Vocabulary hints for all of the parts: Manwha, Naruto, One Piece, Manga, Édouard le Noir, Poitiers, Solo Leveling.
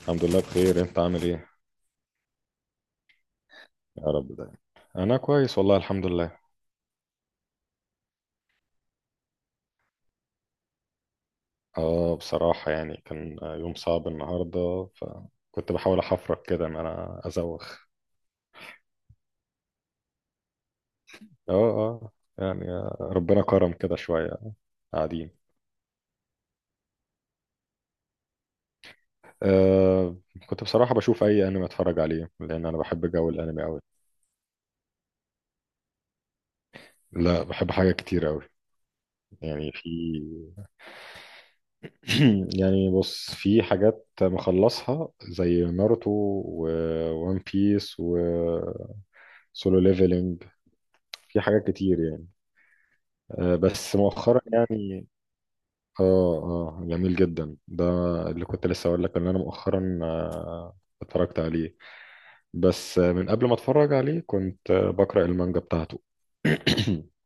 الحمد لله بخير، انت عامل ايه؟ يا رب دايما. انا كويس والله، الحمد لله. اه، بصراحة يعني كان يوم صعب النهاردة، فكنت بحاول احفرك كده ان انا ازوخ. اه، اه، يعني ربنا كرم كده شوية. قاعدين. آه كنت بصراحة بشوف اي انمي اتفرج عليه، لان انا بحب جو الانمي قوي. لا، بحب حاجات كتير قوي. يعني يعني بص، في حاجات مخلصها زي ناروتو وون بيس وسولو ليفلنج. في حاجات كتير يعني. بس مؤخرا يعني. اه، اه، جميل جدا ده. اللي كنت لسه اقول لك ان انا مؤخرا اتفرجت عليه، بس من قبل ما اتفرج عليه كنت بقرأ المانجا بتاعته.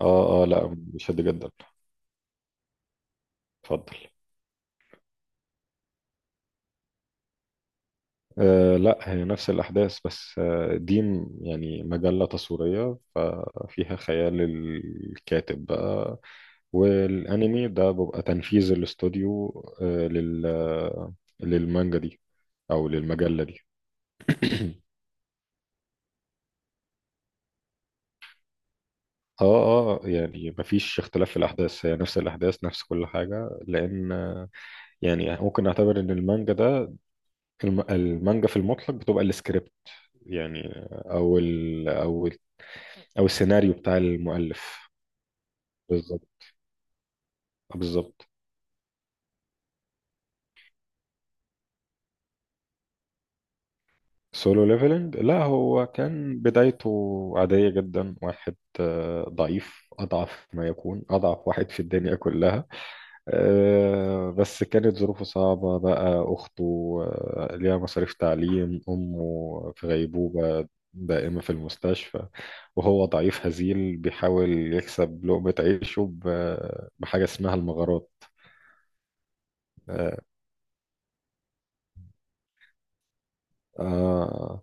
اه، اه، لا بيشد جدا. اتفضل. آه، لا هي نفس الأحداث، بس دي يعني مجلة تصويرية، ففيها خيال الكاتب بقى. والانمي ده بيبقى تنفيذ الاستوديو آه، لل آه، للمانجا دي او للمجلة دي. اه، اه، يعني مفيش اختلاف في الاحداث، هي نفس الاحداث، نفس كل حاجه، لان يعني ممكن نعتبر ان المانجا ده، المانجا في المطلق بتبقى السكريبت، يعني او السيناريو بتاع المؤلف. بالظبط. بالظبط. سولو ليفلنج، لا هو كان بدايته عادية جدا، واحد ضعيف، أضعف ما يكون، أضعف واحد في الدنيا كلها. بس كانت ظروفه صعبة بقى، أخته ليها مصاريف تعليم، أمه في غيبوبة دائمة في المستشفى. وهو ضعيف هزيل بيحاول يكسب لقمة عيشه بحاجة اسمها المغارات. آه، آه،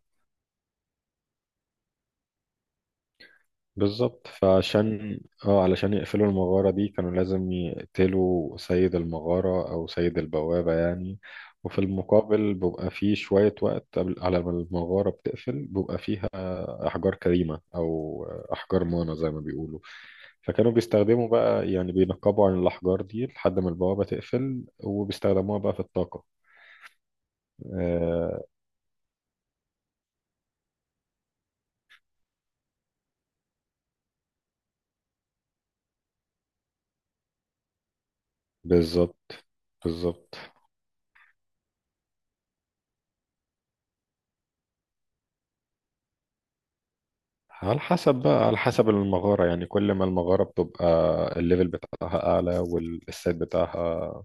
بالظبط. فعشان اه علشان يقفلوا المغارة دي كانوا لازم يقتلوا سيد المغارة أو سيد البوابة يعني. وفي المقابل بيبقى فيه شوية وقت قبل على ما المغارة بتقفل، بيبقى فيها أحجار كريمة أو أحجار مانا زي ما بيقولوا. فكانوا بيستخدموا بقى، يعني بينقبوا عن الأحجار دي لحد ما البوابة تقفل، وبيستخدموها بقى في الطاقة. آه، بالظبط. بالظبط. على حسب بقى، على حسب المغارة، يعني كل ما المغارة بتبقى الليفل بتاعها أعلى والسيت بتاعها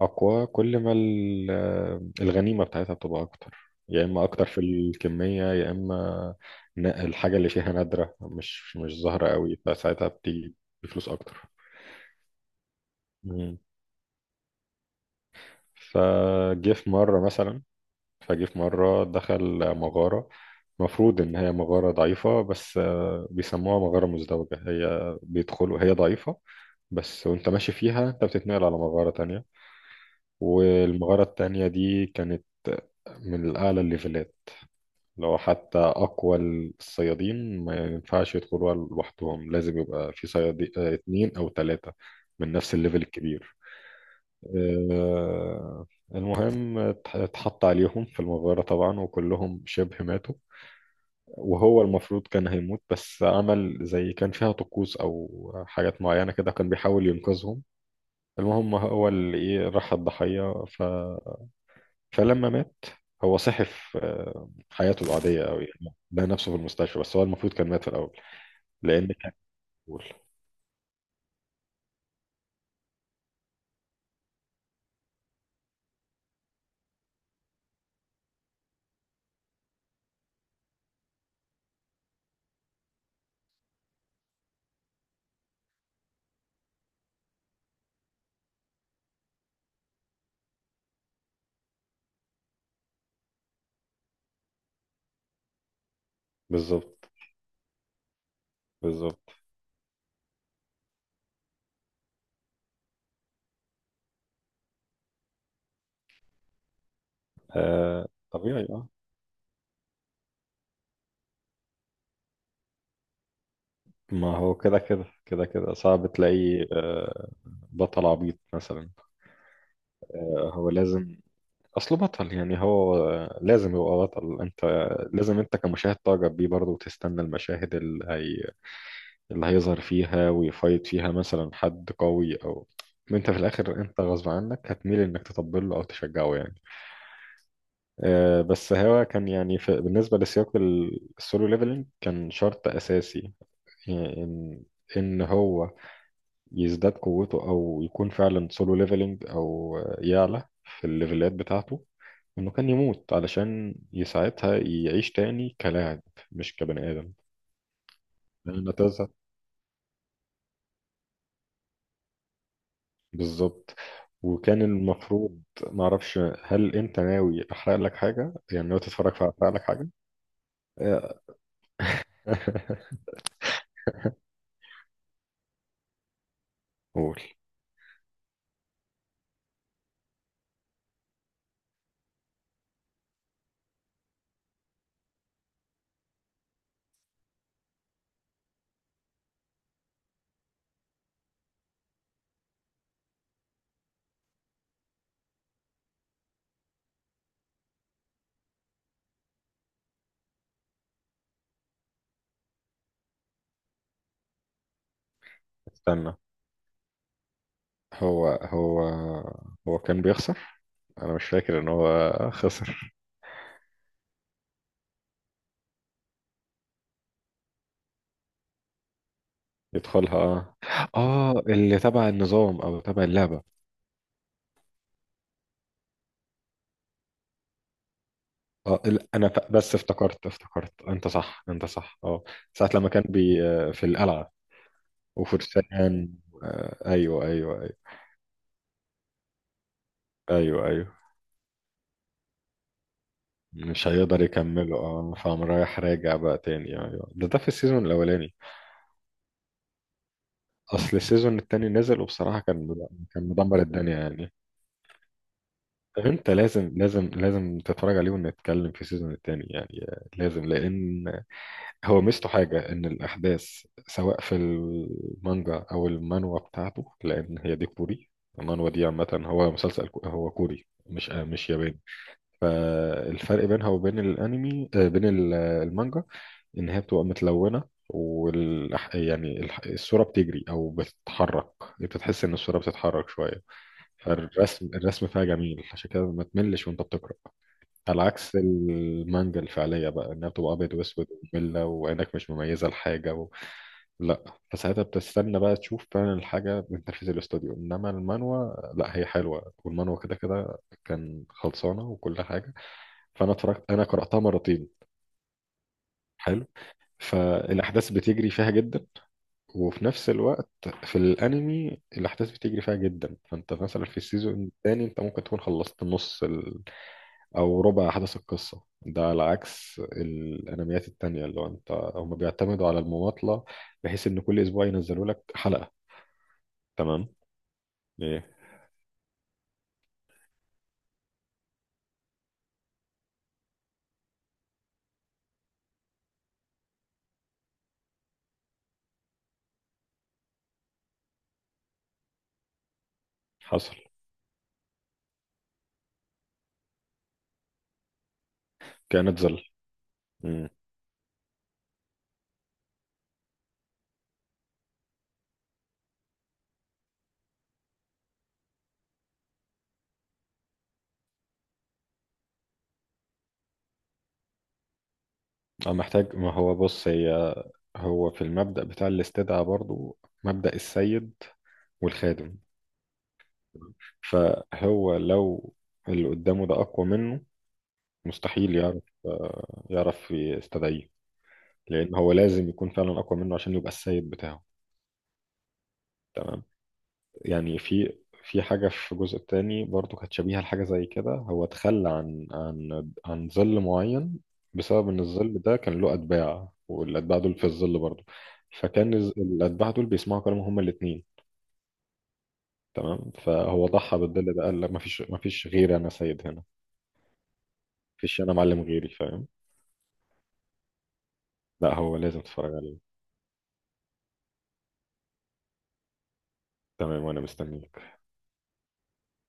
أقوى، كل ما الغنيمة بتاعتها بتبقى أكتر. يا إما أكتر في الكمية، يا إما الحاجة اللي فيها نادرة، مش ظاهرة قوي، فساعتها بتيجي بفلوس أكتر. مم. فجه في مرة مثلا فجه في مرة دخل مغارة. مفروض إن هي مغارة ضعيفة، بس بيسموها مغارة مزدوجة، هي بيدخلوا، هي ضعيفة بس، وانت ماشي فيها انت بتتنقل على مغارة تانية. والمغارة التانية دي كانت من أعلى الليفلات، لو حتى أقوى الصيادين ما ينفعش يدخلوها لوحدهم، لازم يبقى في صيادين اتنين أو تلاتة من نفس الليفل الكبير. آه، المهم اتحط عليهم في المغارة طبعا وكلهم شبه ماتوا. وهو المفروض كان هيموت، بس عمل زي، كان فيها طقوس أو حاجات معينة كده، كان بيحاول ينقذهم. المهم هو اللي ايه راح الضحية فلما مات، هو صحي في حياته العادية أوي، يعني لقى نفسه في المستشفى، بس هو المفروض كان مات في الأول لأن كان أول. بالظبط. بالظبط. آه، طبيعي، اه. ما هو كده كده كده كده صعب تلاقي بطل عبيط مثلا. هو لازم أصله بطل، يعني هو لازم يبقى بطل. أنت لازم، أنت كمشاهد تعجب بيه برضه وتستنى المشاهد اللي هيظهر فيها ويفايت فيها مثلا حد قوي، او انت في الاخر انت غصب عنك هتميل انك تطبل له او تشجعه يعني. بس هو كان يعني في بالنسبه لسياق السولو ليفلينج كان شرط اساسي، يعني ان هو يزداد قوته او يكون فعلا سولو ليفلينج او يعلى في الليفلات بتاعته، انه كان يموت علشان يساعدها يعيش تاني كلاعب، مش كبني ادم لان. بالظبط. وكان المفروض معرفش، هل انت ناوي احرق لك حاجه؟ يعني ناوي تتفرج فاحرق لك حاجه؟ آه، قول. استنى. هو هو هو كان بيخسر؟ انا مش فاكر ان هو خسر. يدخلها، اه، اللي تبع النظام او تبع اللعبه. اه، انا بس افتكرت، انت صح انت صح، اه. ساعه لما كان بي آه، في القلعه وفرسان. ايوه، ايوه، ايوه. ايوه، ايوه. مش هيقدر يكمله، فقام رايح راجع بقى تاني. ايوه، ده في السيزون الاولاني. اصل السيزون التاني نزل وبصراحه كان مدمر الدنيا يعني. طب انت لازم لازم لازم تتفرج عليه ونتكلم في السيزون التاني، يعني لازم، لان هو ميزته حاجه ان الاحداث سواء في المانجا او المانوا بتاعته، لان هي دي كوري. المانوا دي عامه، هو مسلسل كو- هو كوري، مش ياباني. فالفرق بينها وبين الانمي، بين المانجا، ان هي بتبقى متلونه. يعني الصوره بتجري او بتتحرك، انت بتحس ان الصوره بتتحرك شويه. الرسم فيها جميل، عشان كده ما تملش وانت بتقرا. على عكس المانجا الفعليه بقى، انها بتبقى ابيض واسود. وممله وعينك مش مميزه لحاجه لا، فساعتها بتستنى بقى تشوف فعلا الحاجه من تنفيذ الاستوديو، انما المانوا لا هي حلوه، والمانوا كده كده كان خلصانه وكل حاجه. فانا اتفرجت، انا قراتها مرتين. حلو. فالاحداث بتجري فيها جدا، وفي نفس الوقت في الانمي الاحداث بتجري فيها جدا. فانت مثلا في السيزون الثاني انت ممكن تكون خلصت نص او ربع احداث القصه، ده على عكس الانميات التانية، اللي هو هم بيعتمدوا على المماطله، بحيث ان كل اسبوع ينزلوا لك حلقه. تمام. ايه حصل؟ كانت زل امم أنا محتاج، ما هو بص، هو في المبدأ بتاع الاستدعاء برضو، مبدأ السيد والخادم. فهو لو اللي قدامه ده أقوى منه، مستحيل يعرف يستدعيه، لان هو لازم يكون فعلا اقوى منه عشان يبقى السيد بتاعه. تمام. يعني في حاجه في الجزء الثاني برضو كانت شبيهه لحاجه زي كده، هو تخلى عن ظل معين، بسبب ان الظل ده كان له اتباع، والاتباع دول في الظل برضو. فكان الاتباع دول بيسمعوا كلامه، هما الاثنين. تمام، فهو ضحى بالظل ده، قال لا، مفيش غيري، انا سيد هنا، مفيش انا معلم غيري، فاهم. لا، هو لازم تتفرج عليه. تمام وانا مستنيه.